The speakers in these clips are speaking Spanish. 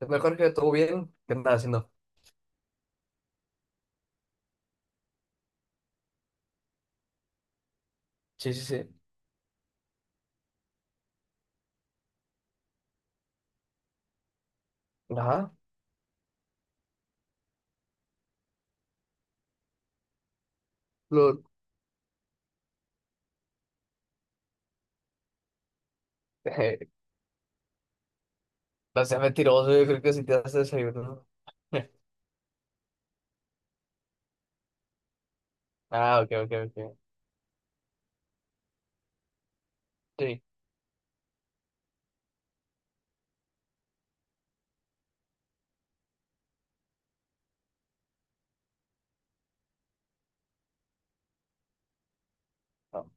Es Mejor que todo bien. ¿Qué andas haciendo? Sí, sí, sí. Ajá. Lo... eh, no sea mentiroso, yo creo que si te das desayuno. Ah, ok, ok, ok. Sí. No.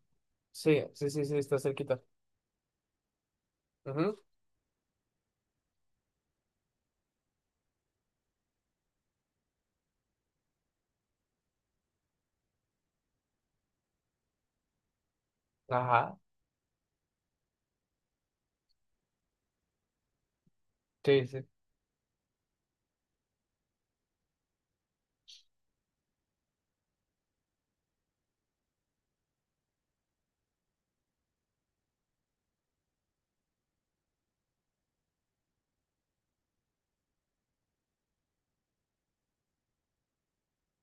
Sí, sí, sí, sí, está cerquita. Ujú. Ajá, sí, sí.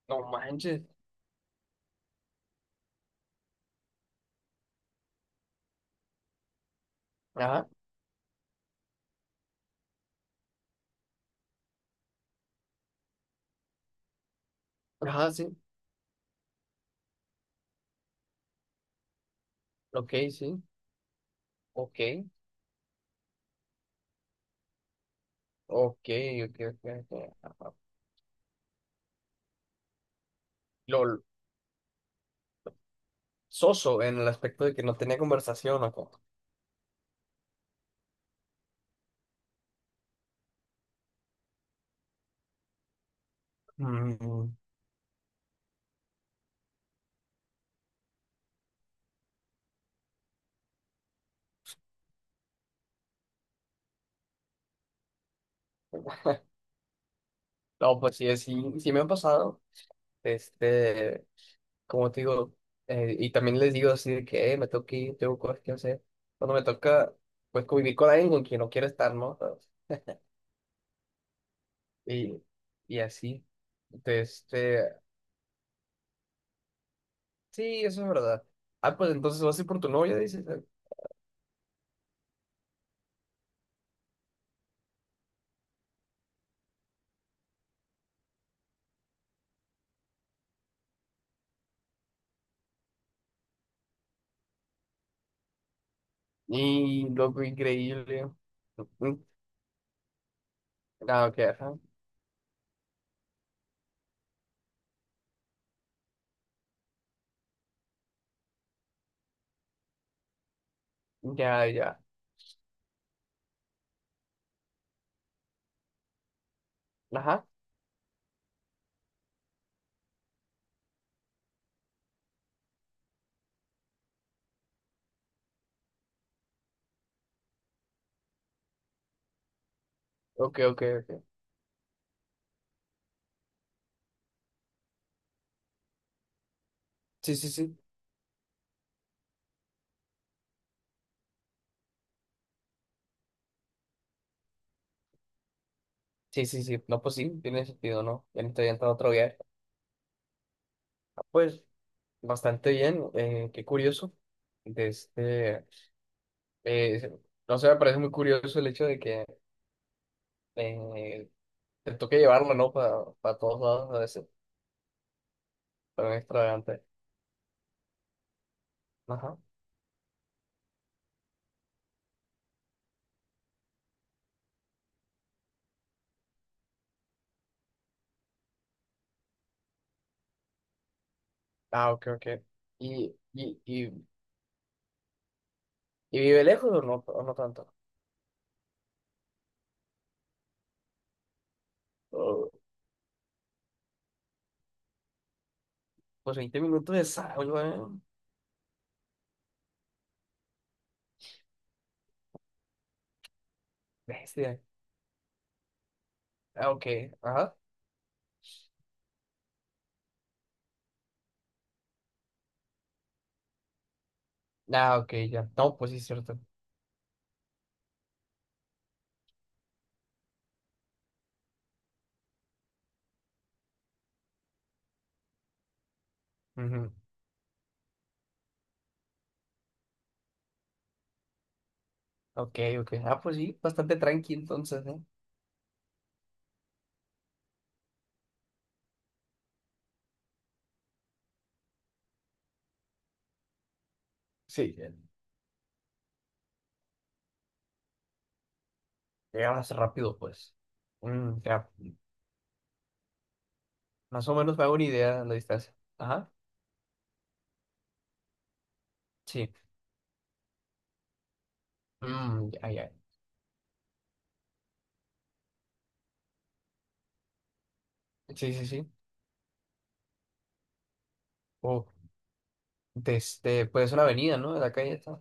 No manches. Ajá, ajá, sí. Ok, sí. Ok, ok, ok, ok, ok, ajá. Lol, ¿soso en el aspecto de que no tenía conversación o cómo? Mm, No, pues sí, sí, sí me han pasado. Este. Como te digo, y también les digo así de que me tengo que ir, tengo cosas que hacer." Cuando me toca, pues convivir con alguien con quien no quiero estar, ¿no? Y, y así. Entonces, sí, eso es verdad. Ah, pues entonces vas a ir por tu novia, dices. Y loco, increíble. Mm, Ah, ok, ajá. Ya, ya. Ajá. Ok, ok, ok. Sí, sí, sí. Sí, sí, sí. No, pues sí, tiene sentido, ¿no? Ya me estoy entrando a otro viaje. Ah, pues bastante bien. Qué curioso. De este. eh, no sé, me parece muy curioso el hecho de que eh, te toque llevarlo, ¿no? Para todos lados a veces, tan extravagante. Ajá. Ah, ok, ok. ¿Y, y, y, y vive lejos o no tanto? Oh, pues 20 minutos de salgo, ¿eh? Bestia. Ah, ok, ajá. Ah, ok, ya. No, pues sí, es cierto. Ujú. Ok, ok. Ah, pues sí, bastante tranqui entonces, ¿eh? Sí, ya. Llegabas rápido, pues. Ya. Más o menos me hago una idea de la distancia. Ajá. Sí. Ya, ya. Sí, sí, sí. Oh, desde, pues es una avenida, ¿no? De la calle está.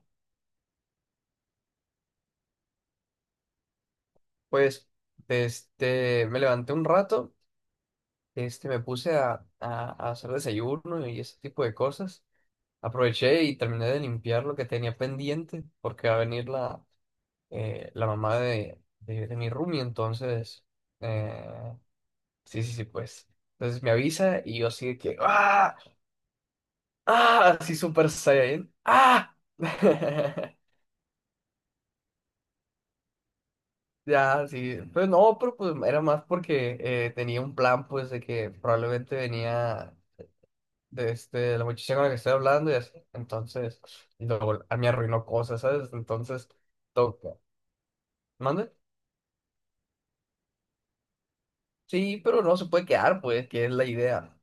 Pues, desde, me levanté un rato, me puse a hacer desayuno y ese tipo de cosas. Aproveché y terminé de limpiar lo que tenía pendiente, porque va a venir la mamá de mi roomie, entonces, eh, sí, sí, sí, pues. Entonces me avisa y yo así de que, ¡ah! ¡Ah! Así súper Saiyan, ¡ah! Ya, sí, pues no, pero pues era más porque tenía un plan, pues, de que probablemente venía la muchacha con la que estoy hablando y así, entonces, y luego a mí arruinó cosas, ¿sabes? Entonces, toca. ¿Mande? Sí, pero no se puede quedar, pues, que es la idea.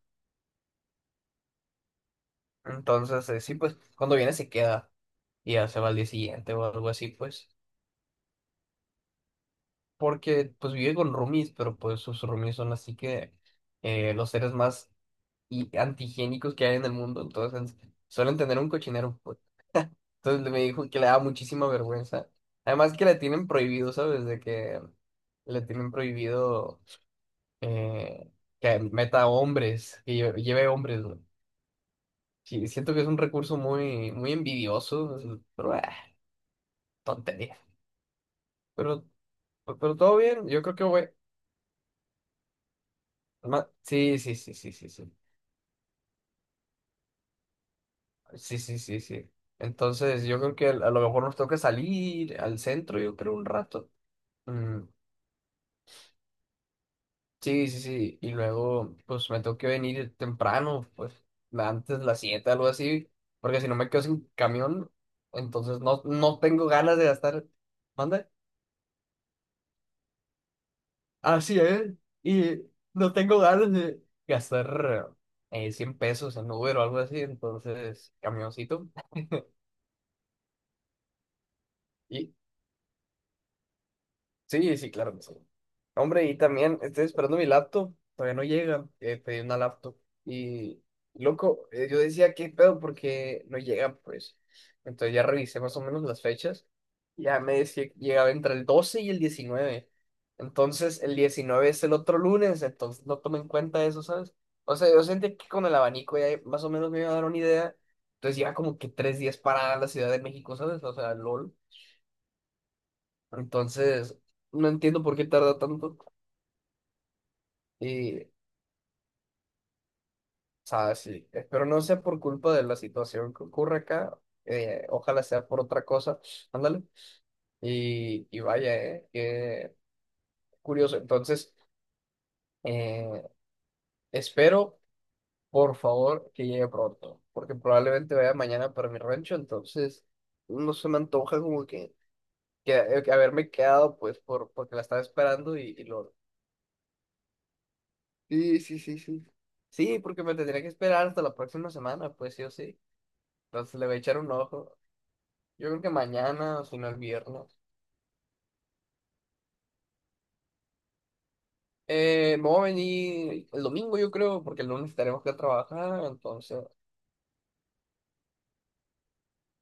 Entonces, sí, pues, cuando viene se queda y ya se va al día siguiente o algo así, pues, porque, pues, vive con roomies, pero pues sus roomies son así que los seres más y antihigiénicos que hay en el mundo, entonces suelen tener un cochinero, pues. Entonces me dijo que le da muchísima vergüenza. Además que le tienen prohibido, ¿sabes? De que le tienen prohibido eh, que meta hombres, que lleve hombres, güey. Sí, siento que es un recurso muy, muy envidioso, pero tontería. Pero, pero todo bien, yo creo que voy. Sí, sí, sí, sí, sí, sí. Sí, sí, sí, sí. Entonces, yo creo que a lo mejor nos toca salir al centro, yo creo, un rato. Mm, sí, sí, sí. Y luego, pues me tengo que venir temprano, pues antes de las 7 algo así, porque si no me quedo sin camión, entonces no tengo ganas de gastar. ¿Manda? Así es. Y no tengo ganas de gastar 100 pesos en Uber o algo así, entonces, camioncito. Sí, sí, claro que sí. Hombre, y también estoy esperando mi laptop. Todavía no llega. Pedí una laptop. Y, loco, yo decía, ¿qué pedo? Porque no llega, pues. Entonces ya revisé más o menos las fechas. Ya me decía que llegaba entre el 12 y el 19. Entonces, el 19 es el otro lunes. Entonces, no tomé en cuenta eso, ¿sabes? O sea, yo sentí que con el abanico ya más o menos me iba a dar una idea. Entonces, ya como que 3 días para la Ciudad de México, ¿sabes? O sea, LOL. Entonces, no entiendo por qué tarda tanto. Y, o sea, sí, espero no sea por culpa de la situación que ocurre acá. Ojalá sea por otra cosa. Ándale. Y vaya, qué curioso. Entonces, eh, espero, por favor, que llegue pronto. Porque probablemente vaya mañana para mi rancho. Entonces, no se me antoja como que haberme quedado, pues, porque la estaba esperando y lo. Sí, sí, sí, sí. Sí, porque me tendría que esperar hasta la próxima semana, pues sí o sí. Entonces le voy a echar un ojo. Yo creo que mañana o si no el viernes. Me voy a venir el domingo, yo creo, porque el lunes tenemos que trabajar. Entonces,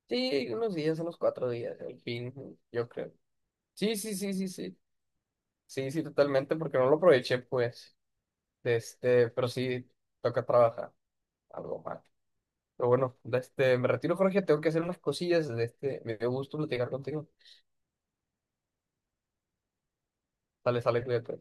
sí, unos días, unos 4 días, el fin, yo creo. Sí, sí, sí, sí, sí. Sí, sí, totalmente, porque no lo aproveché, pues. Pero sí, toca trabajar algo más. Pero bueno, me retiro, Jorge, tengo que hacer unas cosillas. Me dio gusto platicar contigo. Sale, sale, cuídate.